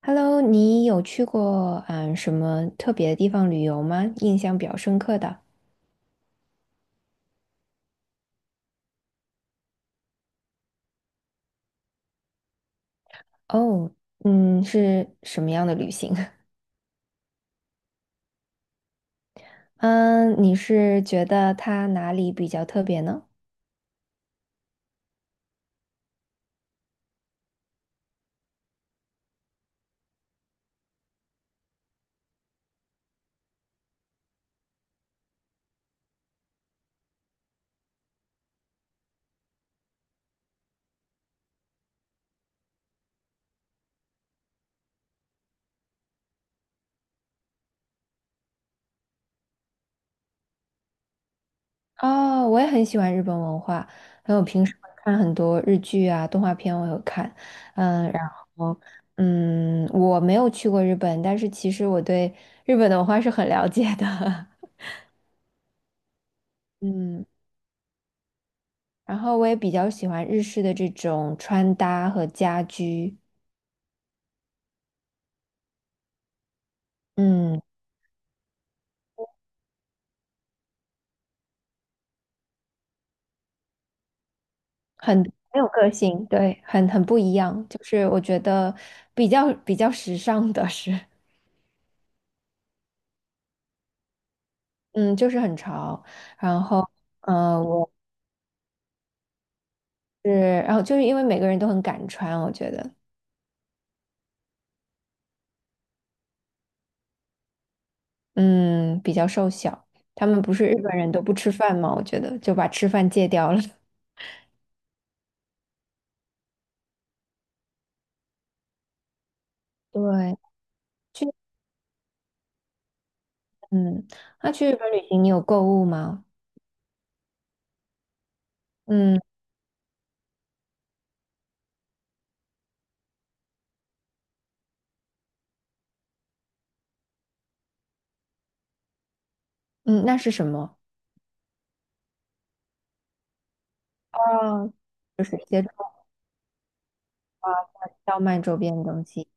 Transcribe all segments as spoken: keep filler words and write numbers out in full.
Hello，你有去过嗯什么特别的地方旅游吗？印象比较深刻的哦，嗯，是什么样的旅行？嗯，你是觉得它哪里比较特别呢？哦，我也很喜欢日本文化，还有平时会看很多日剧啊、动画片，我有看。嗯，然后嗯，我没有去过日本，但是其实我对日本的文化是很了解的。嗯。然后我也比较喜欢日式的这种穿搭和家居，嗯，很很有个性，对，很很不一样。就是我觉得比较比较时尚的是，嗯，就是很潮。然后，呃，我是，然后就是因为每个人都很敢穿，我觉得，嗯，比较瘦小。他们不是日本人都不吃饭吗？我觉得就把吃饭戒掉了。对，去，嗯，那去日本旅行你有购物吗？嗯嗯，那是什么？哦，就是接触到曼周边的东西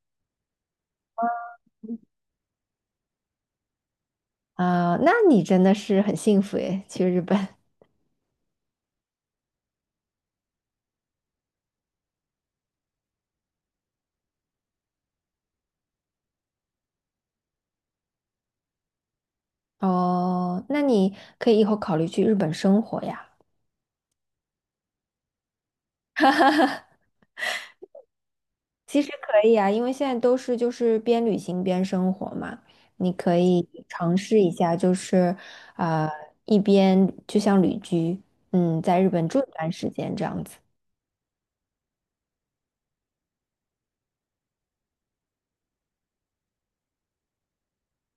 啊，那你真的是很幸福诶，去日本哦，那你可以以后考虑去日本生活呀。其实可以啊，因为现在都是就是边旅行边生活嘛，你可以尝试一下，就是呃一边就像旅居，嗯，在日本住一段时间这样子。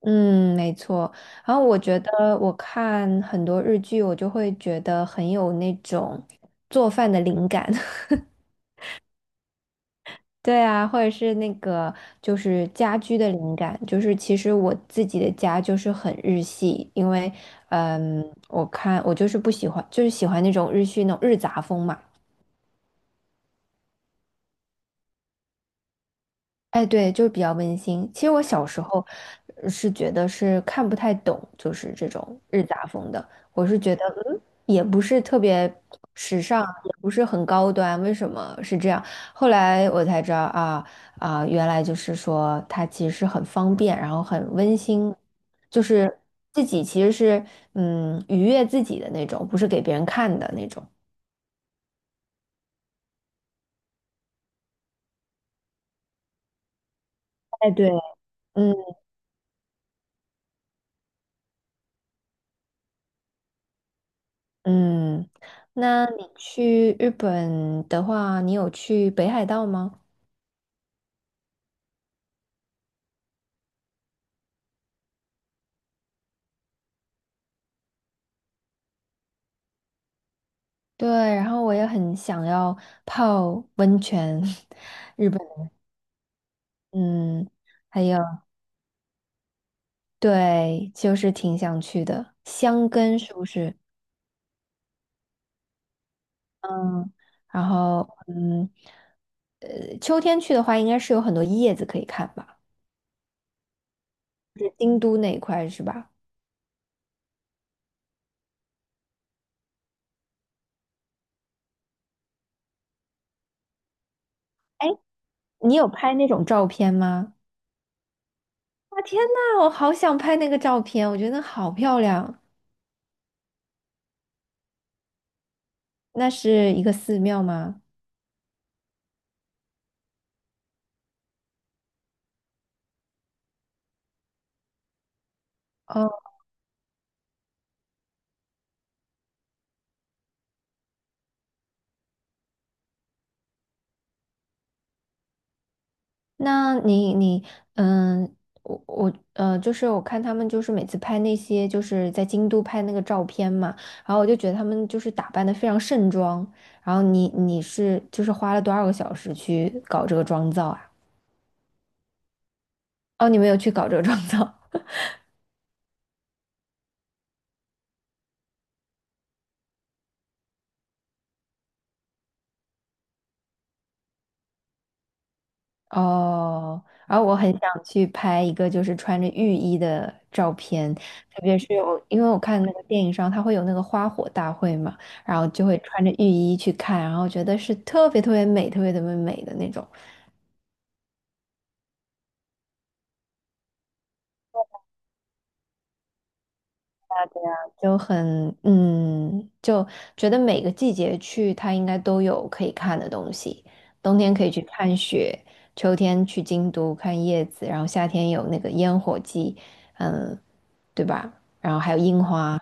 嗯，没错。然后我觉得我看很多日剧，我就会觉得很有那种做饭的灵感。对啊，或者是那个就是家居的灵感，就是其实我自己的家就是很日系，因为嗯，我看我就是不喜欢，就是喜欢那种日系那种日杂风嘛。哎，对，就是比较温馨。其实我小时候呃是觉得是看不太懂，就是这种日杂风的。我是觉得，嗯，也不是特别时尚，也不是很高端，为什么是这样？后来我才知道啊啊，原来就是说它其实是很方便，然后很温馨，就是自己其实是嗯愉悦自己的那种，不是给别人看的那种。哎，对。嗯。嗯，那你去日本的话，你有去北海道吗？对，然后我也很想要泡温泉，嗯，还有，对，就是挺想去的，箱根是不是？嗯，然后，嗯，呃，秋天去的话，应该是有很多叶子可以看吧？是京都那一块是吧？哎，你有拍那种照片吗？啊，天呐，我好想拍那个照片，我觉得好漂亮。那是一个寺庙吗？哦，那你你嗯，我我呃，就是我看他们就是每次拍那些就是在京都拍那个照片嘛，然后我就觉得他们就是打扮的非常盛装，然后你你是就是花了多少个小时去搞这个妆造啊？哦，你没有去搞这个妆造，哦，然后我很想去拍一个就是穿着浴衣的照片，特别是我，因为我看那个电影上，它会有那个花火大会嘛，然后就会穿着浴衣去看，然后觉得是特别特别美、特别特别美的那种，就很嗯，就觉得每个季节去它应该都有可以看的东西，冬天可以去看雪，秋天去京都看叶子，然后夏天有那个烟火季，嗯，对吧？然后还有樱花。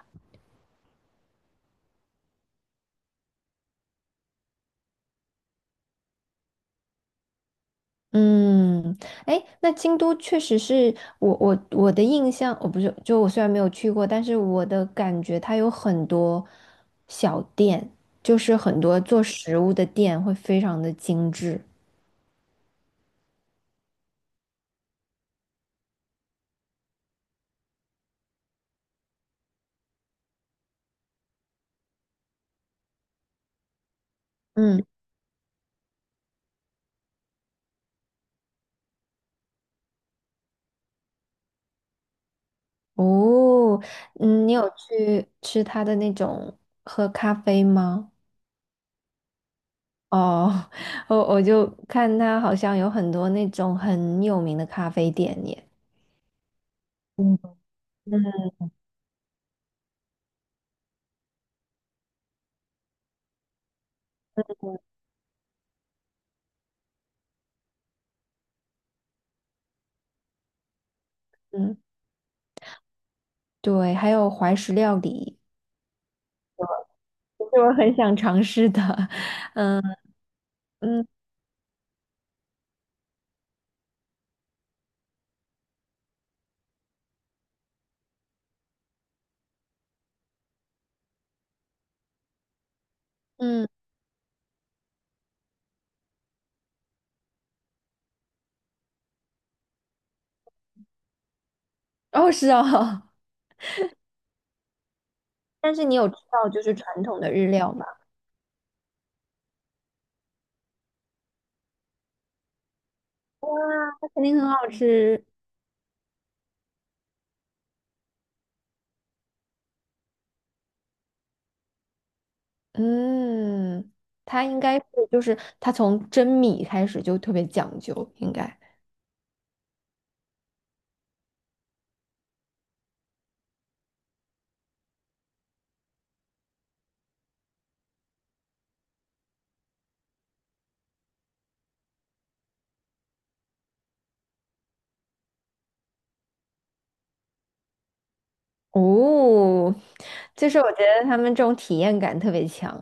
嗯，哎，那京都确实是我我我的印象，我不是，就我虽然没有去过，但是我的感觉它有很多小店，就是很多做食物的店会非常的精致。嗯，哦，嗯，你有去吃它的那种喝咖啡吗？哦，我我就看它好像有很多那种很有名的咖啡店耶。嗯，嗯，对，还有怀石料理。是我很想尝试的。嗯嗯嗯，哦是哦，但是你有吃到就是传统的日料吗？哇，肯定很好吃。嗯，它应该是就是它从蒸米开始就特别讲究，应该。哦，就是我觉得他们这种体验感特别强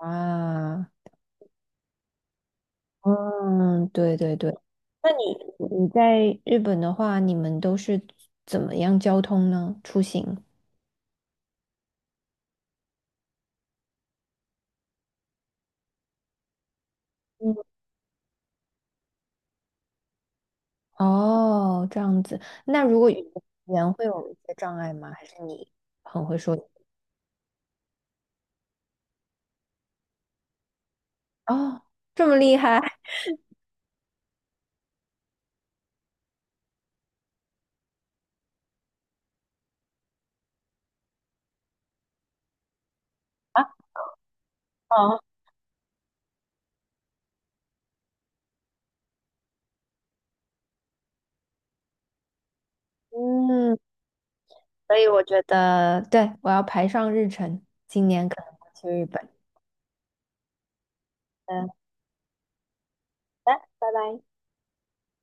啊。嗯，对对对。那你你在日本的话，你们都是怎么样交通呢？出行？哦，这样子。那如果语言会有一些障碍吗？还是你很会说？哦，这么厉害啊！好，嗯，所以我觉得，对，我要排上日程，今年可能会去日本。嗯，好的拜拜。